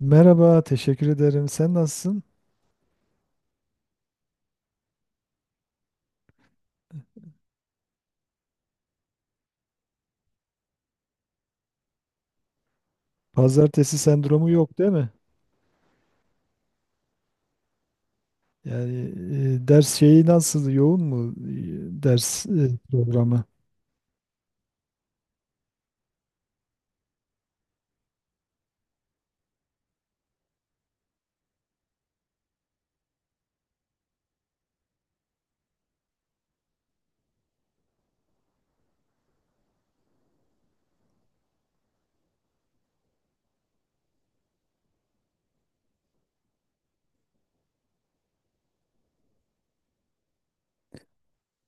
Merhaba, teşekkür ederim. Sen nasılsın? Pazartesi sendromu yok değil mi? Yani ders şeyi nasıl, yoğun mu ders programı?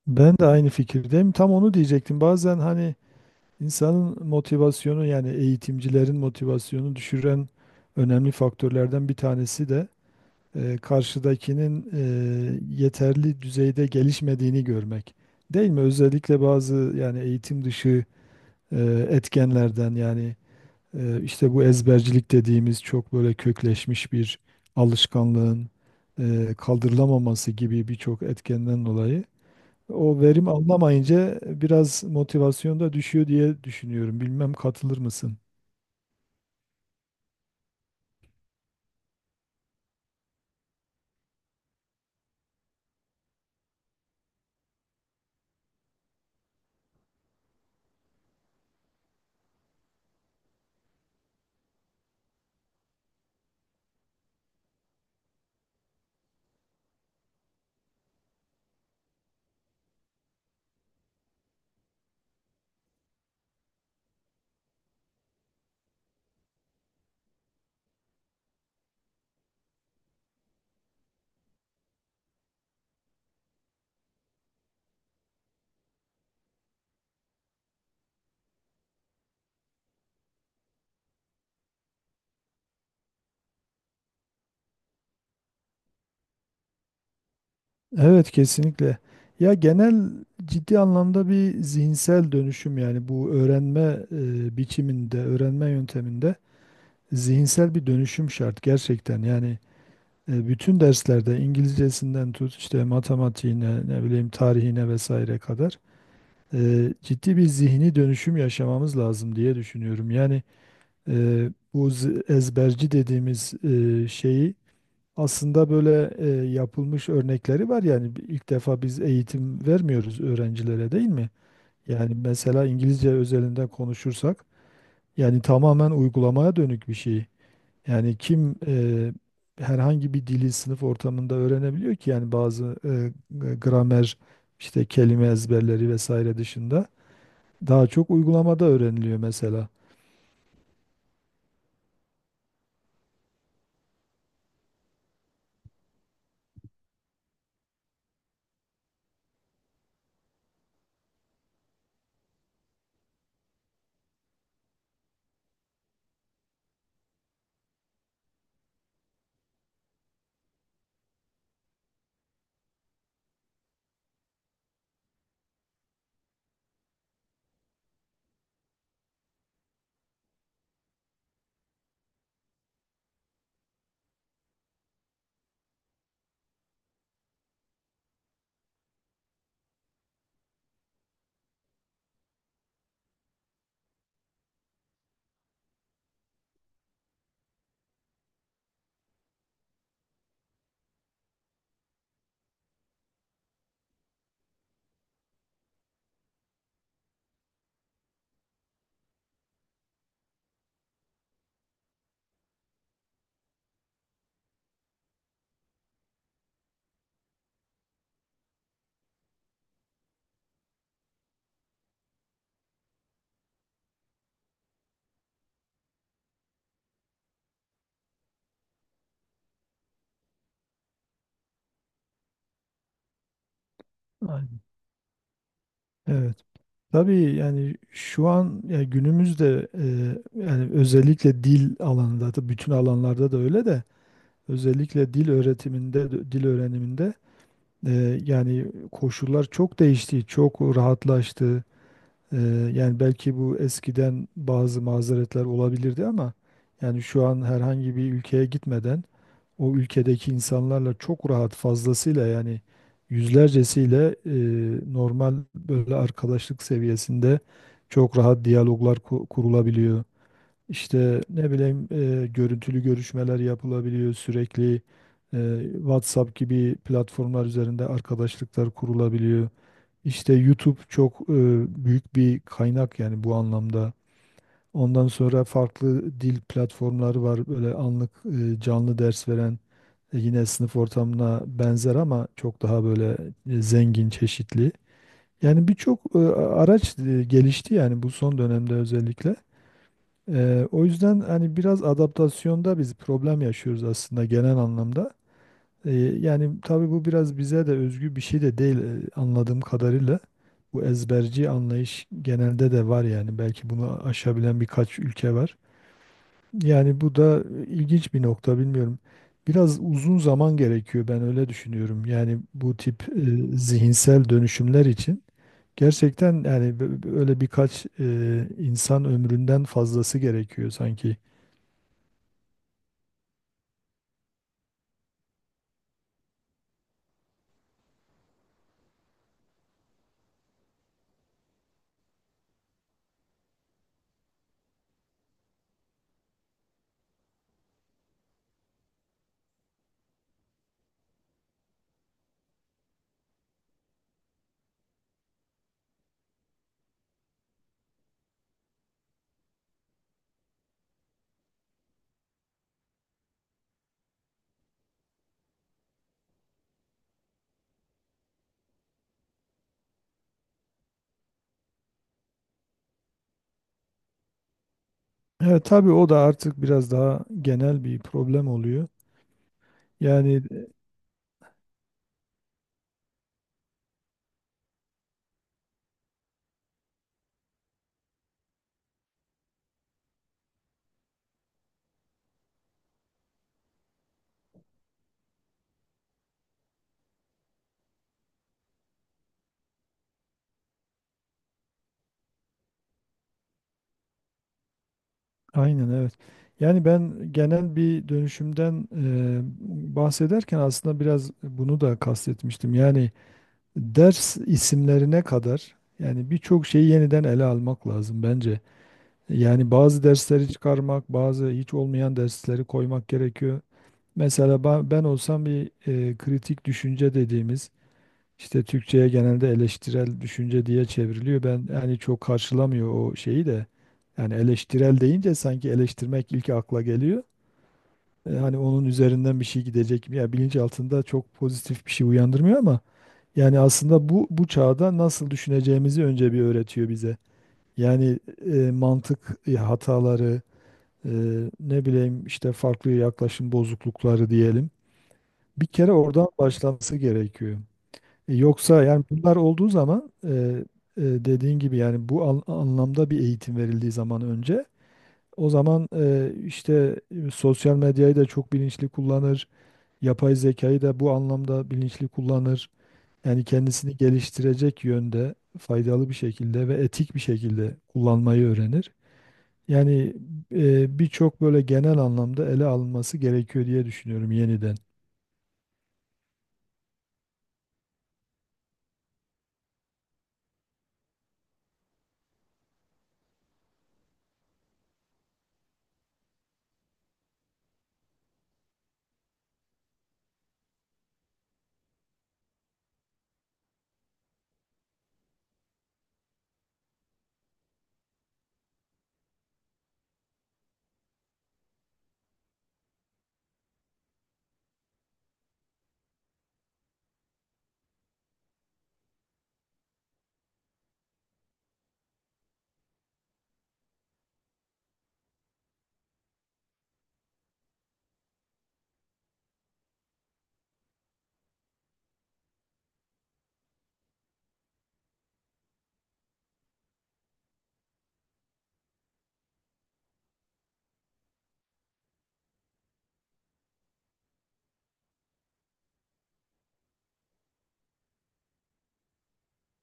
Ben de aynı fikirdeyim. Tam onu diyecektim. Bazen hani insanın motivasyonu, yani eğitimcilerin motivasyonu düşüren önemli faktörlerden bir tanesi de karşıdakinin yeterli düzeyde gelişmediğini görmek. Değil mi? Özellikle bazı yani eğitim dışı etkenlerden yani işte bu ezbercilik dediğimiz çok böyle kökleşmiş bir alışkanlığın kaldırılamaması gibi birçok etkenden dolayı o verim alınamayınca biraz motivasyon da düşüyor diye düşünüyorum. Bilmem katılır mısın? Evet, kesinlikle. Ya genel ciddi anlamda bir zihinsel dönüşüm, yani bu öğrenme biçiminde, öğrenme yönteminde zihinsel bir dönüşüm şart gerçekten. Yani bütün derslerde İngilizcesinden tut, işte matematiğine, ne bileyim tarihine vesaire kadar ciddi bir zihni dönüşüm yaşamamız lazım diye düşünüyorum. Yani bu ezberci dediğimiz şeyi aslında böyle yapılmış örnekleri var. Yani ilk defa biz eğitim vermiyoruz öğrencilere, değil mi? Yani mesela İngilizce özelinde konuşursak, yani tamamen uygulamaya dönük bir şey. Yani kim herhangi bir dili sınıf ortamında öğrenebiliyor ki? Yani bazı gramer, işte kelime ezberleri vesaire dışında daha çok uygulamada öğreniliyor mesela. Aynen. Evet. Tabii, yani şu an, yani günümüzde yani özellikle dil alanında da, bütün alanlarda da öyle, de özellikle dil öğretiminde, dil öğreniminde e, yani koşullar çok değişti, çok rahatlaştı. Ee, yani belki bu eskiden bazı mazeretler olabilirdi ama yani şu an herhangi bir ülkeye gitmeden o ülkedeki insanlarla çok rahat, fazlasıyla, yani yüzlercesiyle normal böyle arkadaşlık seviyesinde çok rahat diyaloglar kurulabiliyor. İşte ne bileyim görüntülü görüşmeler yapılabiliyor sürekli, WhatsApp gibi platformlar üzerinde arkadaşlıklar kurulabiliyor. İşte YouTube çok büyük bir kaynak yani bu anlamda. Ondan sonra farklı dil platformları var. Böyle anlık canlı ders veren, yine sınıf ortamına benzer ama çok daha böyle zengin, çeşitli. Yani birçok araç gelişti yani bu son dönemde özellikle. O yüzden hani biraz adaptasyonda biz problem yaşıyoruz aslında, genel anlamda. E, yani tabii bu biraz bize de özgü bir şey de değil anladığım kadarıyla. Bu ezberci anlayış genelde de var yani. Belki bunu aşabilen birkaç ülke var. Yani bu da ilginç bir nokta, bilmiyorum. Biraz uzun zaman gerekiyor, ben öyle düşünüyorum. Yani bu tip zihinsel dönüşümler için gerçekten, yani öyle birkaç insan ömründen fazlası gerekiyor sanki. Evet, tabii o da artık biraz daha genel bir problem oluyor. Yani aynen, evet. Yani ben genel bir dönüşümden bahsederken aslında biraz bunu da kastetmiştim. Yani ders isimlerine kadar, yani birçok şeyi yeniden ele almak lazım bence. Yani bazı dersleri çıkarmak, bazı hiç olmayan dersleri koymak gerekiyor. Mesela ben olsam bir kritik düşünce dediğimiz, işte Türkçe'ye genelde eleştirel düşünce diye çevriliyor. Ben, yani çok karşılamıyor o şeyi de. Yani eleştirel deyince sanki eleştirmek ilk akla geliyor. Hani onun üzerinden bir şey gidecek mi? Ya, bilinç altında çok pozitif bir şey uyandırmıyor ama yani aslında bu çağda nasıl düşüneceğimizi önce bir öğretiyor bize. Yani mantık hataları, e, ne bileyim işte farklı yaklaşım bozuklukları diyelim. Bir kere oradan başlaması gerekiyor. Yoksa yani bunlar olduğu zaman, dediğin gibi yani bu anlamda bir eğitim verildiği zaman önce, o zaman işte sosyal medyayı da çok bilinçli kullanır, yapay zekayı da bu anlamda bilinçli kullanır. Yani kendisini geliştirecek yönde, faydalı bir şekilde ve etik bir şekilde kullanmayı öğrenir. Yani birçok böyle genel anlamda ele alınması gerekiyor diye düşünüyorum, yeniden.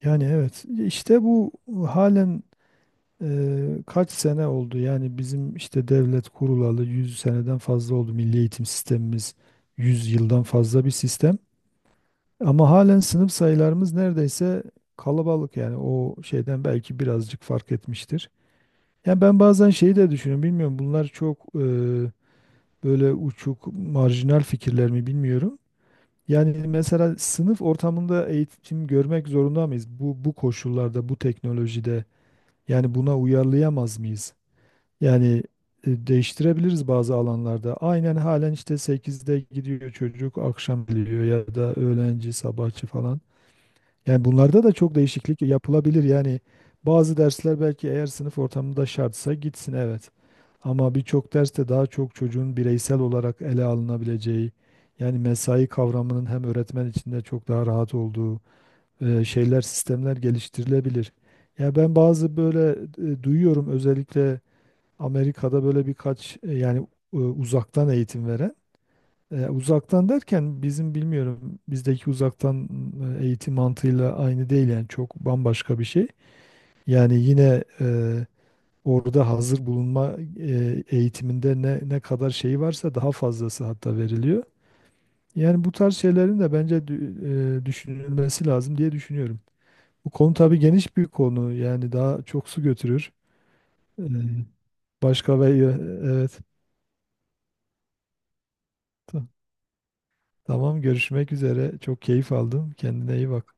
Yani evet, işte bu halen... kaç sene oldu? Yani bizim işte devlet kurulalı 100 seneden fazla oldu. Milli eğitim sistemimiz 100 yıldan fazla bir sistem. Ama halen sınıf sayılarımız neredeyse kalabalık, yani o şeyden belki birazcık fark etmiştir. Yani ben bazen şeyi de düşünüyorum, bilmiyorum, bunlar çok böyle uçuk, marjinal fikirler mi bilmiyorum. Yani mesela sınıf ortamında eğitim görmek zorunda mıyız? bu koşullarda, bu teknolojide, yani buna uyarlayamaz mıyız? Yani değiştirebiliriz bazı alanlarda. Aynen, halen işte 8'de gidiyor çocuk, akşam geliyor, ya da öğlenci, sabahçı falan. Yani bunlarda da çok değişiklik yapılabilir. Yani bazı dersler belki, eğer sınıf ortamında şartsa, gitsin, evet. Ama birçok derste daha çok çocuğun bireysel olarak ele alınabileceği, yani mesai kavramının hem öğretmen içinde çok daha rahat olduğu şeyler, sistemler geliştirilebilir. Ya ben bazı böyle duyuyorum özellikle Amerika'da, böyle birkaç yani uzaktan eğitim veren, uzaktan derken bizim, bilmiyorum, bizdeki uzaktan eğitim mantığıyla aynı değil yani, çok bambaşka bir şey. Yani yine orada hazır bulunma eğitiminde ne kadar şey varsa, daha fazlası hatta veriliyor. Yani bu tarz şeylerin de bence düşünülmesi lazım diye düşünüyorum. Bu konu tabii geniş bir konu, yani daha çok su götürür. E, Başka, ve evet. Tamam. Tamam, görüşmek üzere. Çok keyif aldım. Kendine iyi bak.